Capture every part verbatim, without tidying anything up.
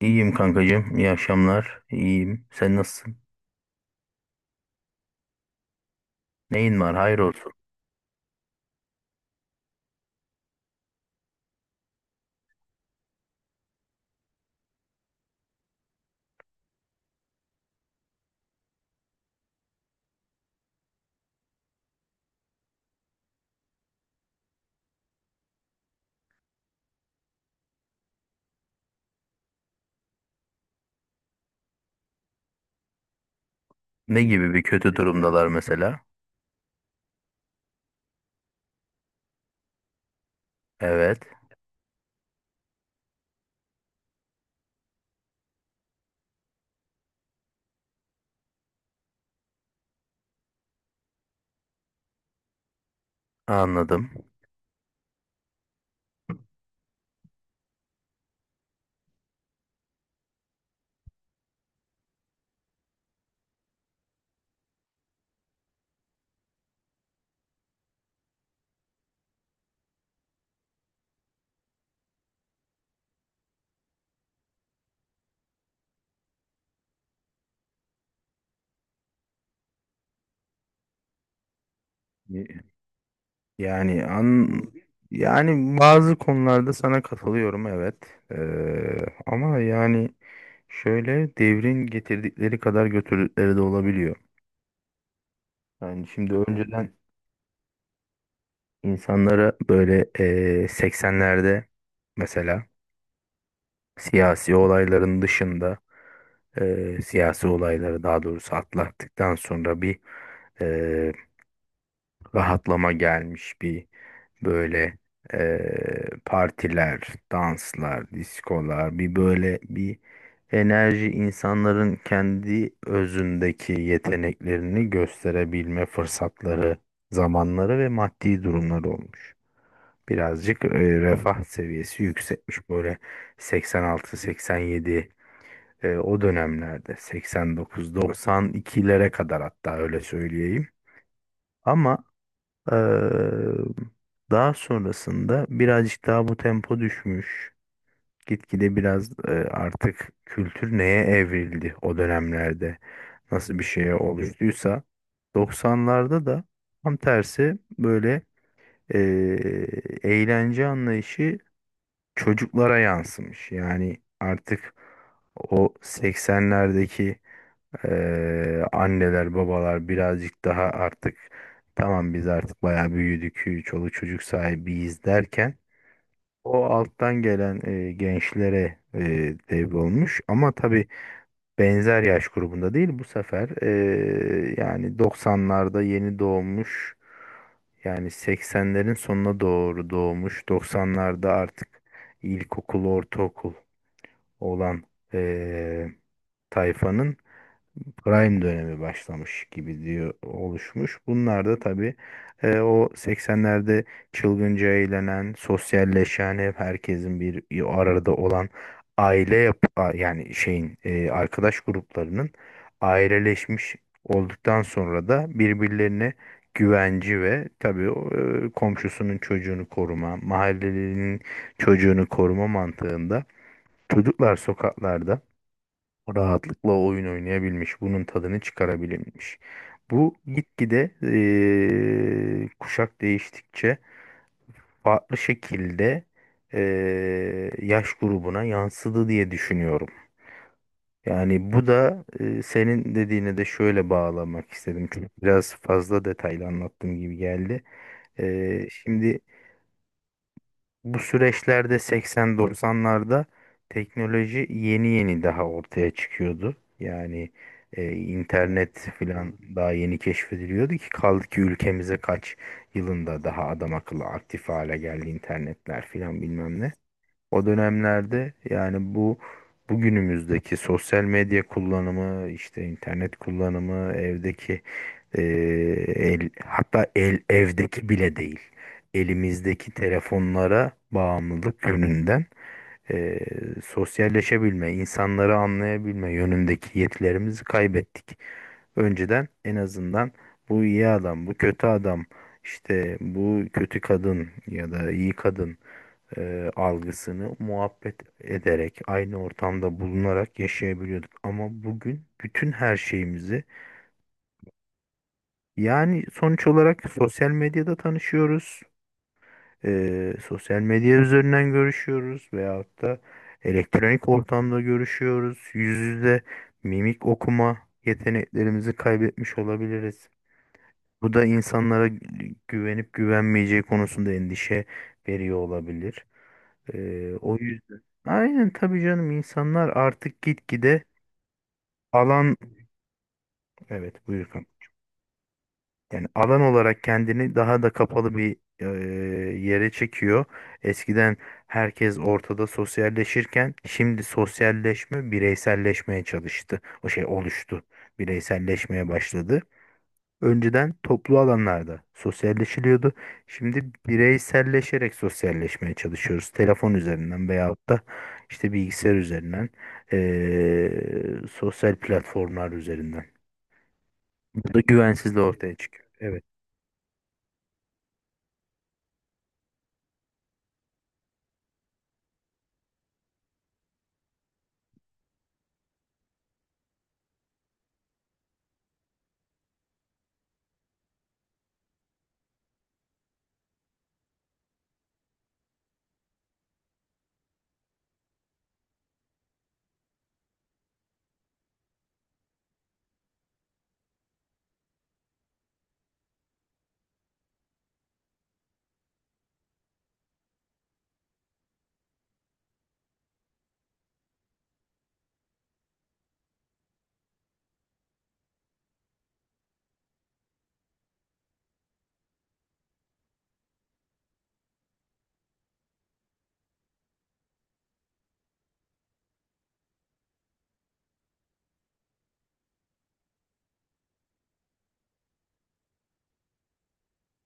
İyiyim kankacığım. İyi akşamlar. İyiyim. Sen nasılsın? Neyin var? Hayır olsun. Ne gibi bir kötü durumdalar mesela? Evet. Anladım. Yani an yani bazı konularda sana katılıyorum, evet. Ee, ama yani şöyle, devrin getirdikleri kadar götürdükleri de olabiliyor. Yani şimdi önceden insanlara böyle ee, seksenlerde mesela siyasi olayların dışında, e, siyasi olayları daha doğrusu atlattıktan sonra bir e, rahatlama gelmiş, bir böyle e, partiler, danslar, diskolar, bir böyle bir enerji, insanların kendi özündeki yeteneklerini gösterebilme fırsatları, zamanları ve maddi durumları olmuş. Birazcık e, refah seviyesi yüksekmiş, böyle seksen altı seksen yedi, e, o dönemlerde seksen dokuz doksan ikilere kadar, hatta öyle söyleyeyim. Ama e, daha sonrasında birazcık daha bu tempo düşmüş. Gitgide biraz e, artık kültür neye evrildi o dönemlerde, nasıl bir şeye oluştuysa doksanlarda da tam tersi, böyle e, eğlence anlayışı çocuklara yansımış. Yani artık o seksenlerdeki, Ee, anneler babalar birazcık daha artık tamam biz artık bayağı büyüdük çoluk çocuk sahibiyiz derken, o alttan gelen e, gençlere e, devrolmuş, ama tabii benzer yaş grubunda değil bu sefer, e, yani doksanlarda yeni doğmuş, yani seksenlerin sonuna doğru doğmuş, doksanlarda artık ilkokul ortaokul olan e, tayfanın prime dönemi başlamış gibi diyor, oluşmuş. Bunlar da tabii e, o seksenlerde çılgınca eğlenen, sosyalleşen, hep herkesin bir arada olan aile yap a- yani şeyin, e, arkadaş gruplarının aileleşmiş olduktan sonra da birbirlerine güvenci ve tabii o, e, komşusunun çocuğunu koruma, mahallelinin çocuğunu koruma mantığında çocuklar sokaklarda rahatlıkla oyun oynayabilmiş, bunun tadını çıkarabilmiş. Bu gitgide eee, kuşak değiştikçe farklı şekilde eee, yaş grubuna yansıdı diye düşünüyorum. Yani bu da eee, senin dediğine de şöyle bağlamak istedim. Çünkü biraz fazla detaylı anlattığım gibi geldi. Eee, şimdi bu süreçlerde seksen doksanlarda teknoloji yeni yeni daha ortaya çıkıyordu. Yani e, internet filan daha yeni keşfediliyordu, ki kaldı ki ülkemize kaç yılında daha adam akıllı aktif hale geldi internetler filan bilmem ne. O dönemlerde yani bu bugünümüzdeki sosyal medya kullanımı, işte internet kullanımı, evdeki eee, el, hatta el, evdeki bile değil. Elimizdeki telefonlara bağımlılık yönünden eee, sosyalleşebilme, insanları anlayabilme yönündeki yetilerimizi kaybettik. Önceden en azından bu iyi adam, bu kötü adam, işte bu kötü kadın ya da iyi kadın e, algısını muhabbet ederek, aynı ortamda bulunarak yaşayabiliyorduk. Ama bugün bütün her şeyimizi, yani sonuç olarak, sosyal medyada tanışıyoruz. E, sosyal medya üzerinden görüşüyoruz veyahut da elektronik ortamda görüşüyoruz. Yüz yüze mimik okuma yeteneklerimizi kaybetmiş olabiliriz. Bu da insanlara güvenip güvenmeyeceği konusunda endişe veriyor olabilir. Ee, o yüzden. Aynen tabii canım, insanlar artık gitgide alan evet, buyur kanka. Yani alan olarak kendini daha da kapalı bir e, yere çekiyor. Eskiden herkes ortada sosyalleşirken şimdi sosyalleşme bireyselleşmeye çalıştı. O şey oluştu. Bireyselleşmeye başladı. Önceden toplu alanlarda sosyalleşiliyordu. Şimdi bireyselleşerek sosyalleşmeye çalışıyoruz. Telefon üzerinden veyahut da işte bilgisayar üzerinden, eee, sosyal platformlar üzerinden. Bu da güvensizliği ortaya çıkıyor. Evet.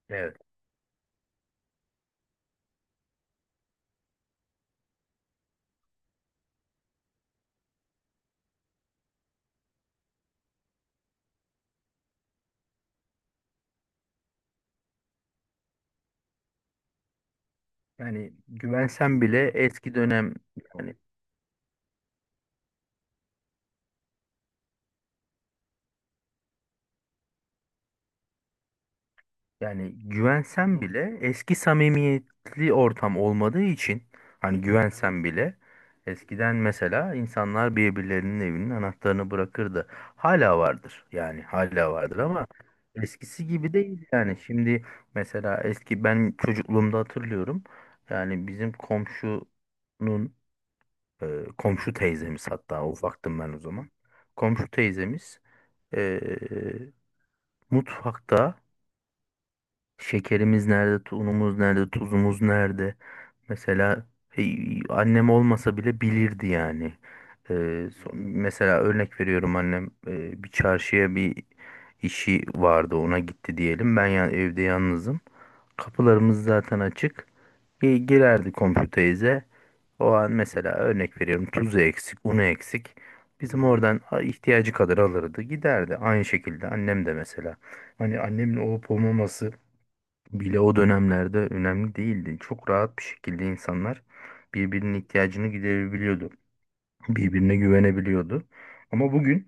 Evet. Yani güvensen bile, eski dönem, yani Yani güvensem bile eski samimiyetli ortam olmadığı için, hani güvensem bile, eskiden mesela insanlar birbirlerinin evinin anahtarını bırakırdı. Hala vardır, yani hala vardır ama eskisi gibi değil yani. Şimdi mesela eski, ben çocukluğumda hatırlıyorum yani, bizim komşunun, e, komşu teyzemiz, hatta ufaktım ben o zaman. Komşu teyzemiz e, mutfakta şekerimiz nerede, tu- unumuz nerede, tuzumuz nerede? Mesela e, annem olmasa bile bilirdi yani. Ee, son- mesela örnek veriyorum, annem, e, bir çarşıya bir işi vardı, ona gitti diyelim. Ben ya, evde yalnızım. Kapılarımız zaten açık. Gi- Girerdi komşu teyze. O an mesela örnek veriyorum, tuzu eksik, unu eksik. Bizim oradan a- ihtiyacı kadar alırdı, giderdi. Aynı şekilde annem de mesela. Hani annemin olup olmaması bile o dönemlerde önemli değildi. Çok rahat bir şekilde insanlar birbirinin ihtiyacını giderebiliyordu. Birbirine güvenebiliyordu. Ama bugün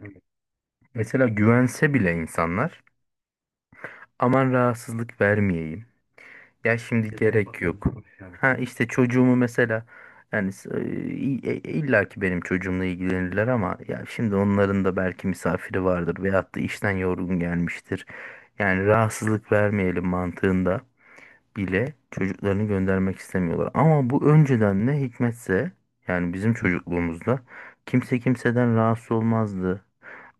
mesela güvense bile insanlar, aman rahatsızlık vermeyeyim. Ya şimdi gerek yok. Ha işte çocuğumu mesela, yani s- e, e, illa ki benim çocuğumla ilgilenirler, ama ya şimdi onların da belki misafiri vardır veyahut da işten yorgun gelmiştir. Yani rahatsızlık vermeyelim mantığında bile çocuklarını göndermek istemiyorlar. Ama bu önceden ne hikmetse, yani bizim çocukluğumuzda kimse kimseden rahatsız olmazdı.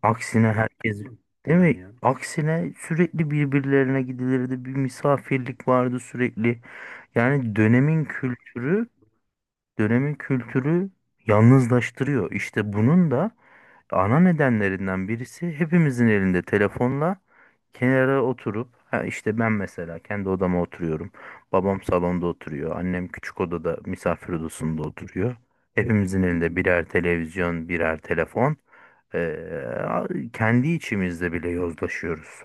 Aksine, herkes, değil mi mi? Ya? Aksine sürekli birbirlerine gidilirdi. Bir misafirlik vardı sürekli. Yani dönemin kültürü dönemin kültürü yalnızlaştırıyor. İşte bunun da ana nedenlerinden birisi, hepimizin elinde telefonla kenara oturup, ha işte ben mesela kendi odama oturuyorum. Babam salonda oturuyor. Annem küçük odada, misafir odasında oturuyor. Hepimizin elinde birer televizyon, birer telefon. Ee, Kendi içimizde bile yozlaşıyoruz.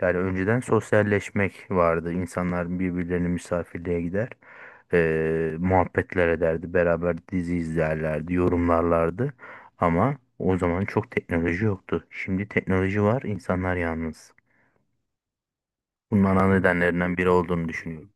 Yani önceden sosyalleşmek vardı. İnsanlar birbirlerine misafirliğe gider, eee, muhabbetler ederdi. Beraber dizi izlerlerdi. Yorumlarlardı. Ama o zaman çok teknoloji yoktu. Şimdi teknoloji var, insanlar yalnız. Bunun ana nedenlerinden biri olduğunu düşünüyorum.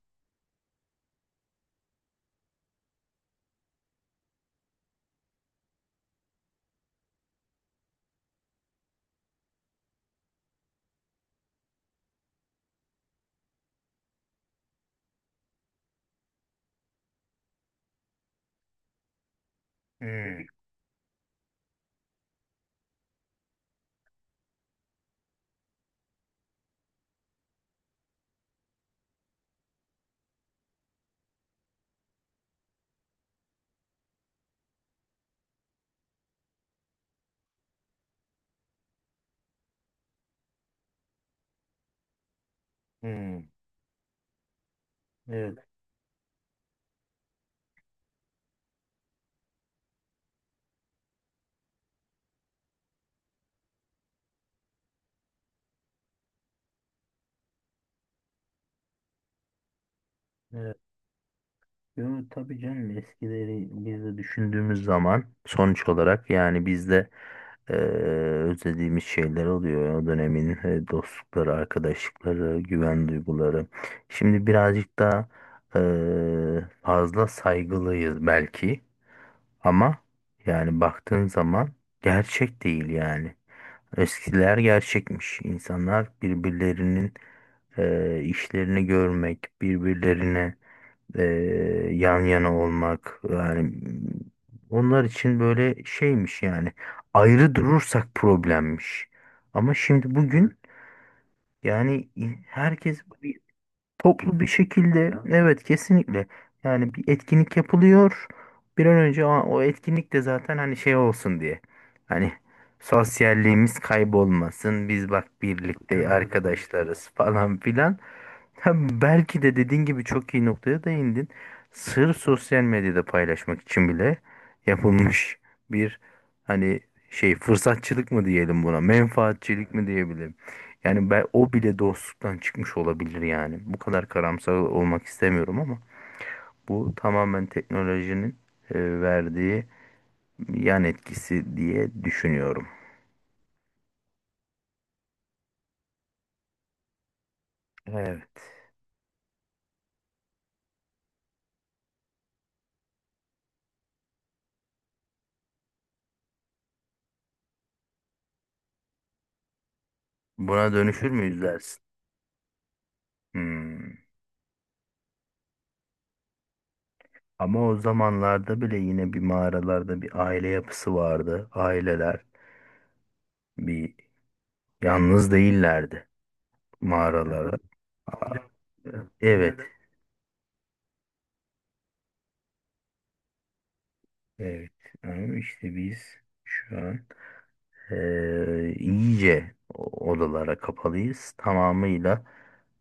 Hmm, hmm. Evet, evet. Yo, tabii canım, eskileri biz de düşündüğümüz zaman sonuç olarak yani, biz de eee, özlediğimiz şeyler oluyor. O dönemin e, dostlukları, arkadaşlıkları, güven duyguları. Şimdi birazcık daha eee, fazla saygılıyız belki, ama yani baktığın zaman gerçek değil yani. Eskiler gerçekmiş. İnsanlar birbirlerinin eee, işlerini görmek, birbirlerine e, yan yana olmak, yani onlar için böyle şeymiş yani, ayrı durursak problemmiş. Ama şimdi bugün, yani herkes toplu bir şekilde, evet, kesinlikle, yani bir etkinlik yapılıyor, bir an önce o, o etkinlik de zaten, hani şey olsun diye, hani sosyalliğimiz kaybolmasın, biz bak birlikte arkadaşlarız, falan filan. Ha, belki de dediğin gibi, çok iyi noktaya değindin, sırf sosyal medyada paylaşmak için bile yapılmış bir, hani şey, fırsatçılık mı diyelim buna, menfaatçilik mi diyebilirim, yani ben o bile dostluktan çıkmış olabilir yani. Bu kadar karamsar olmak istemiyorum, ama bu tamamen teknolojinin e, verdiği yan etkisi diye düşünüyorum. Evet. Buna dönüşür müyüz dersin? Hmm. Ama o zamanlarda bile yine bir mağaralarda bir aile yapısı vardı. Aileler bir yalnız değillerdi mağaralara. Evet. Evet. Ama işte biz şu an Eee iyice o- odalara kapalıyız. Tamamıyla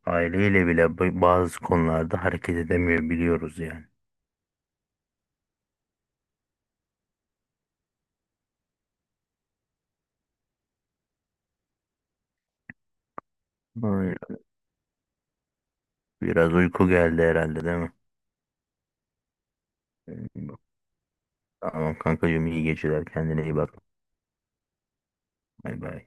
aileyle bile b- bazı konularda hareket edemiyor biliyoruz yani. Ay, biraz uyku geldi herhalde, değil mi? Ee, Tamam kankacığım, iyi geceler, kendine iyi bak. Bay bay.